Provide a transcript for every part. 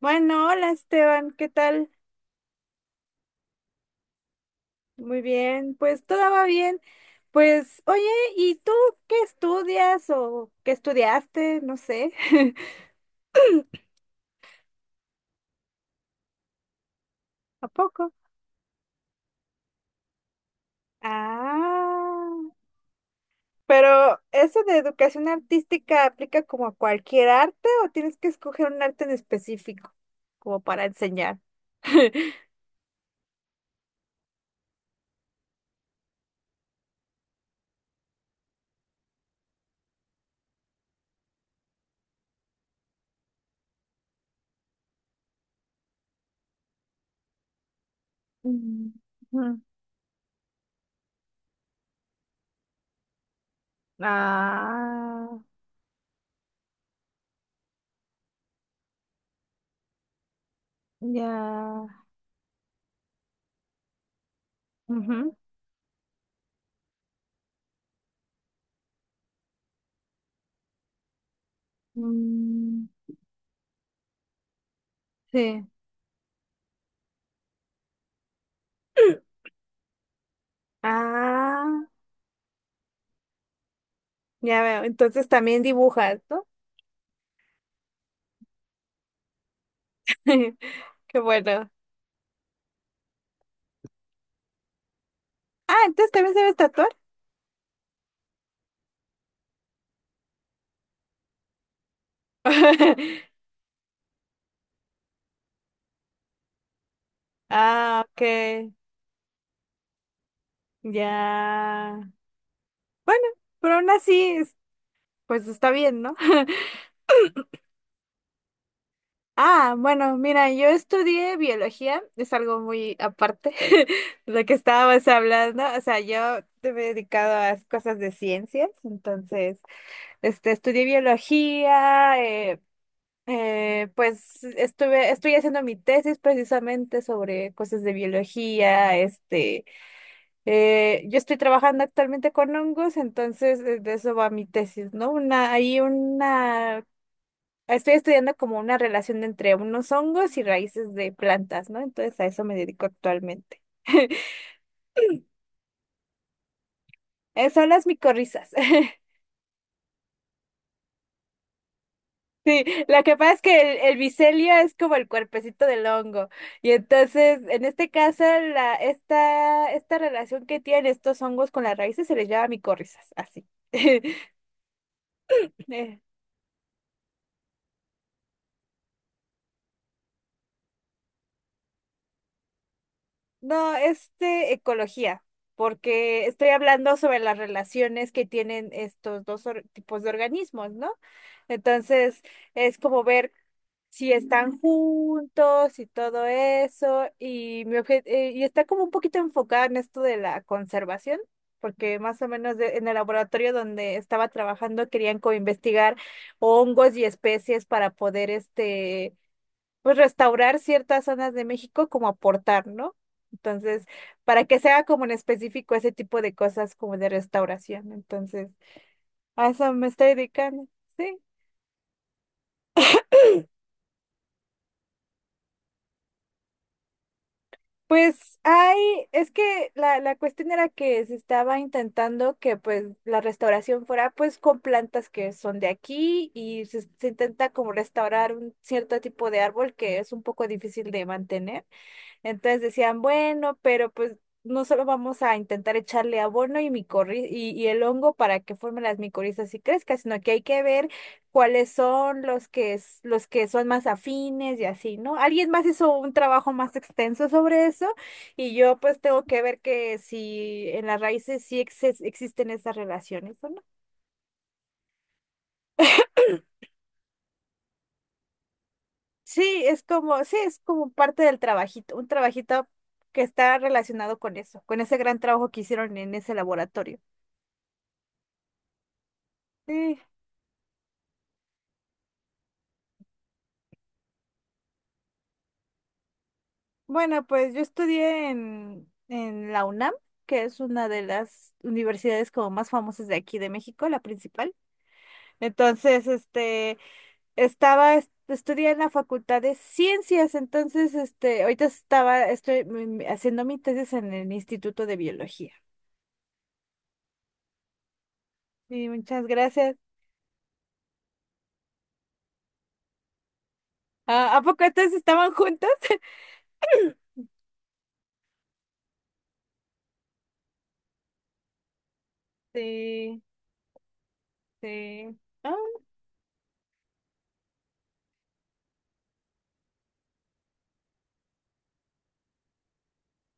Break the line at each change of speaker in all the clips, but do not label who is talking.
Bueno, hola Esteban, ¿qué tal? Muy bien, pues todo va bien. Pues, oye, ¿y tú qué estudias o qué estudiaste? No sé. ¿A poco? Ah, pero ¿eso de educación artística aplica como a cualquier arte o tienes que escoger un arte en específico como para enseñar? Mm, ujú. Ah, ya. Ujú. Mm, sí. Ah, ya veo. Entonces también dibujas, ¿no? Qué bueno. Ah, entonces también sabes tatuar. Ah, ok. Ya. Bueno, pero aún así, pues está bien, ¿no? Ah, bueno, mira, yo estudié biología, es algo muy aparte de lo que estábamos hablando. O sea, yo te me he dedicado a cosas de ciencias, entonces, estudié biología, pues estoy haciendo mi tesis precisamente sobre cosas de biología, yo estoy trabajando actualmente con hongos, entonces de eso va mi tesis, ¿no? Estoy estudiando como una relación entre unos hongos y raíces de plantas, ¿no? Entonces a eso me dedico actualmente. Son las micorrizas. Sí, lo que pasa es que el micelio es como el cuerpecito del hongo. Y entonces, en este caso, esta relación que tienen estos hongos con las raíces se les llama micorrizas, así. No, ecología, porque estoy hablando sobre las relaciones que tienen estos dos tipos de organismos, ¿no? Entonces, es como ver si están juntos y todo eso, y y está como un poquito enfocada en esto de la conservación, porque más o menos en el laboratorio donde estaba trabajando querían coinvestigar hongos y especies para poder pues restaurar ciertas zonas de México como aportar, ¿no? Entonces, para que se haga como en específico ese tipo de cosas como de restauración. Entonces, a eso me estoy dedicando. Sí. Pues hay, es que la cuestión era que se estaba intentando que pues la restauración fuera pues con plantas que son de aquí y se intenta como restaurar un cierto tipo de árbol que es un poco difícil de mantener. Entonces decían, bueno, pero pues no solo vamos a intentar echarle abono y el hongo para que formen las micorrizas y crezca, sino que hay que ver cuáles son los que, los que son más afines y así, ¿no? Alguien más hizo un trabajo más extenso sobre eso y yo pues tengo que ver que si en las raíces sí existen esas relaciones o no. Sí, es como parte del trabajito, un trabajito que está relacionado con eso, con ese gran trabajo que hicieron en ese laboratorio. Sí, bueno, pues yo estudié en la UNAM, que es una de las universidades como más famosas de aquí de México, la principal. Entonces, estudié en la Facultad de Ciencias, entonces, ahorita estoy haciendo mi tesis en el Instituto de Biología. Sí, muchas gracias. Ah, ¿a poco entonces estaban juntos? Sí, sí. Ah,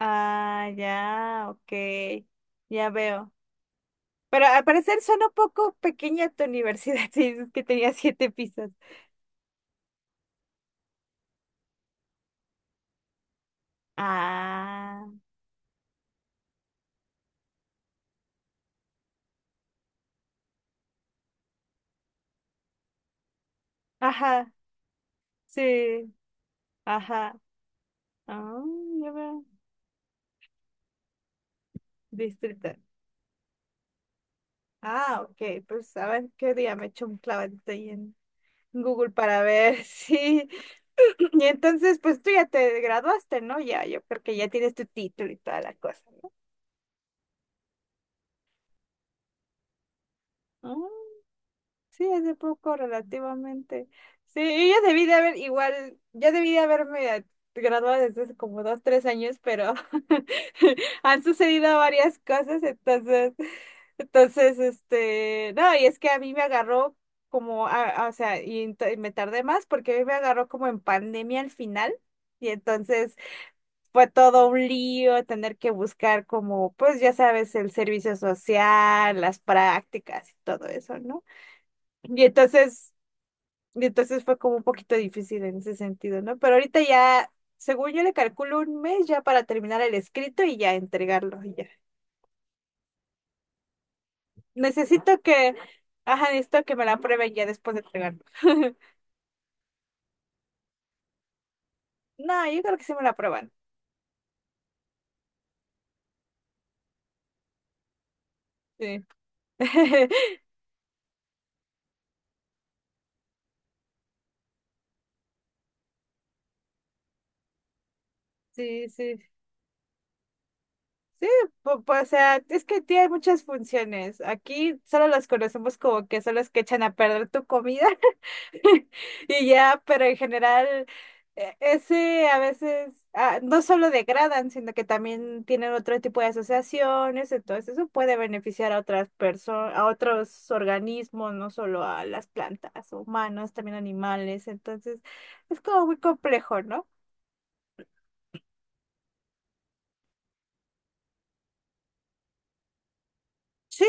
ah, ya, ok, ya veo. Pero al parecer suena un poco pequeña tu universidad, si dices que tenía siete pisos. Ah, ajá, sí, ajá. Ah, ya veo. Distrito. Ah, ok, pues a ver qué día me echo un clavadito ahí en Google para ver si... Y entonces, pues tú ya te graduaste, ¿no? Ya, yo creo que ya tienes tu título y toda la cosa, ¿no? Sí, hace poco relativamente. Sí, yo ya debí de haber, igual, ya debí de haberme graduado desde hace como 2, 3 años, pero han sucedido varias cosas, entonces, no, y es que a mí me agarró como, o sea, y me tardé más porque a mí me agarró como en pandemia al final. Y entonces fue todo un lío tener que buscar como, pues ya sabes, el servicio social, las prácticas y todo eso, ¿no? Y entonces fue como un poquito difícil en ese sentido, ¿no? Pero ahorita ya, según yo le calculo un mes ya para terminar el escrito y ya entregarlo, y ya. Necesito que, ajá, necesito que me la aprueben ya después de entregarlo. No, yo creo que sí me la aprueban. Sí. Sí, sí. Sí, pues, o sea, es que tiene muchas funciones. Aquí solo las conocemos como que son las que echan a perder tu comida. Y ya, pero en general, ese a veces no solo degradan, sino que también tienen otro tipo de asociaciones, entonces eso puede beneficiar a otras personas, a otros organismos, no solo a las plantas, humanos, también animales, entonces es como muy complejo, ¿no? Sí,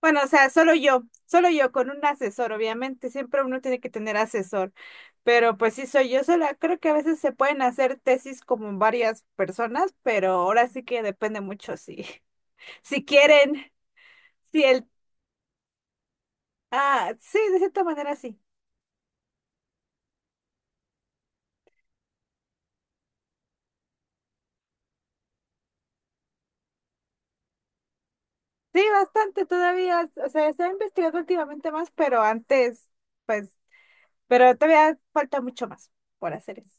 bueno, o sea, solo yo con un asesor, obviamente, siempre uno tiene que tener asesor, pero pues sí soy yo sola, creo que a veces se pueden hacer tesis como varias personas, pero ahora sí que depende mucho si, si quieren, si el, sí, de cierta manera sí, sí, bastante todavía, o sea, se ha investigado últimamente más, pero antes, pues, pero todavía falta mucho más por hacer eso.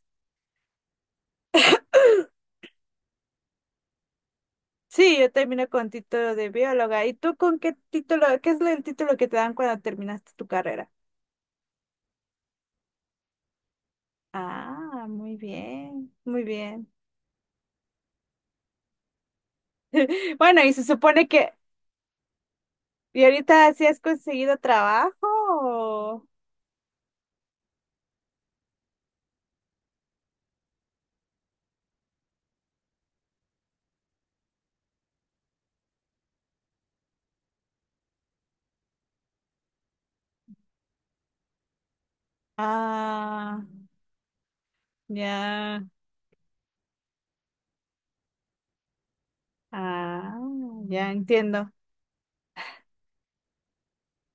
Sí, yo terminé con título de bióloga. ¿Y tú con qué título? ¿Qué es el título que te dan cuando terminaste tu carrera? Ah, muy bien, muy bien. Bueno, y se supone que, ¿y ahorita sí has conseguido trabajo? O- Ah, ya, ah, ya entiendo.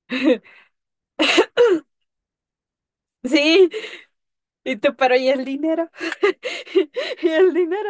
Sí, y tú, pero ¿y el dinero? ¿Y el dinero?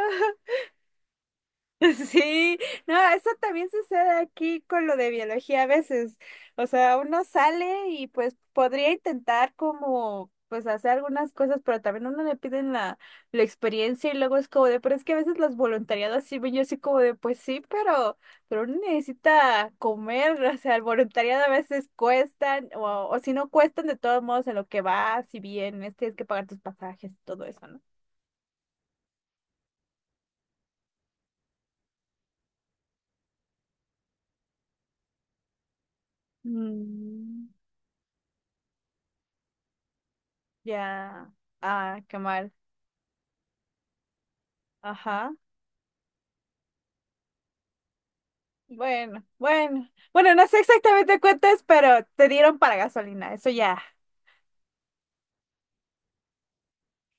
Sí, no, eso también sucede aquí con lo de biología a veces. O sea, uno sale y pues podría intentar como pues hacer algunas cosas, pero también uno le piden la experiencia y luego es como de, pero es que a veces los voluntariados sí ven yo así como de, pues sí, pero uno necesita comer, o sea, el voluntariado a veces cuestan, o si no cuestan de todos modos en lo que vas, si vienes, tienes que pagar tus pasajes y todo eso, ¿no? Mm. Ya, ah, qué mal. Ajá. Bueno, bueno. Bueno, no sé exactamente cuánto es, pero te dieron para gasolina. Eso ya.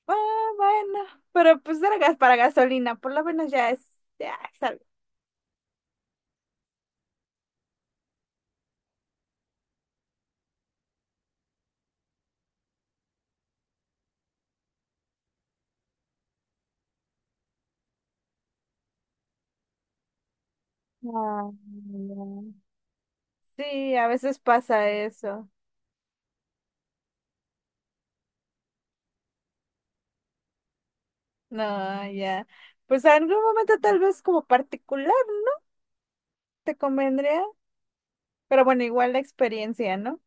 Ah, bueno. Pero pues era gas para gasolina. Por lo menos ya es. Ya es algo. Ah, no. Sí, a veces pasa eso. No, ya. Pues en algún momento tal vez como particular te convendría. Pero bueno, igual la experiencia, ¿no?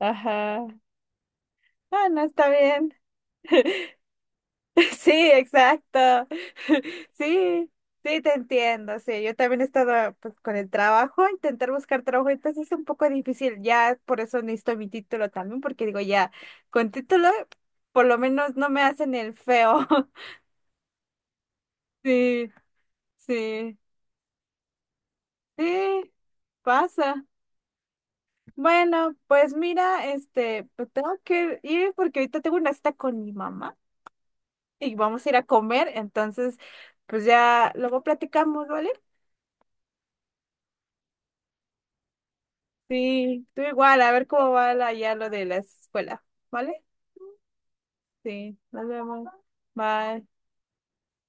Ajá. Ah, no, está bien. Sí, exacto. Sí, sí, te entiendo. Sí, yo también he estado pues, con el trabajo, intentar buscar trabajo, entonces es un poco difícil. Ya por eso necesito mi título también, porque digo, ya con título por lo menos no me hacen el feo. Sí, sí, sí, pasa. Bueno, pues mira, pues tengo que ir porque ahorita tengo una cita con mi mamá y vamos a ir a comer, entonces pues ya luego platicamos, ¿vale? Sí, tú igual, a ver cómo va ya lo de la escuela, ¿vale? Sí, nos vemos. Bye.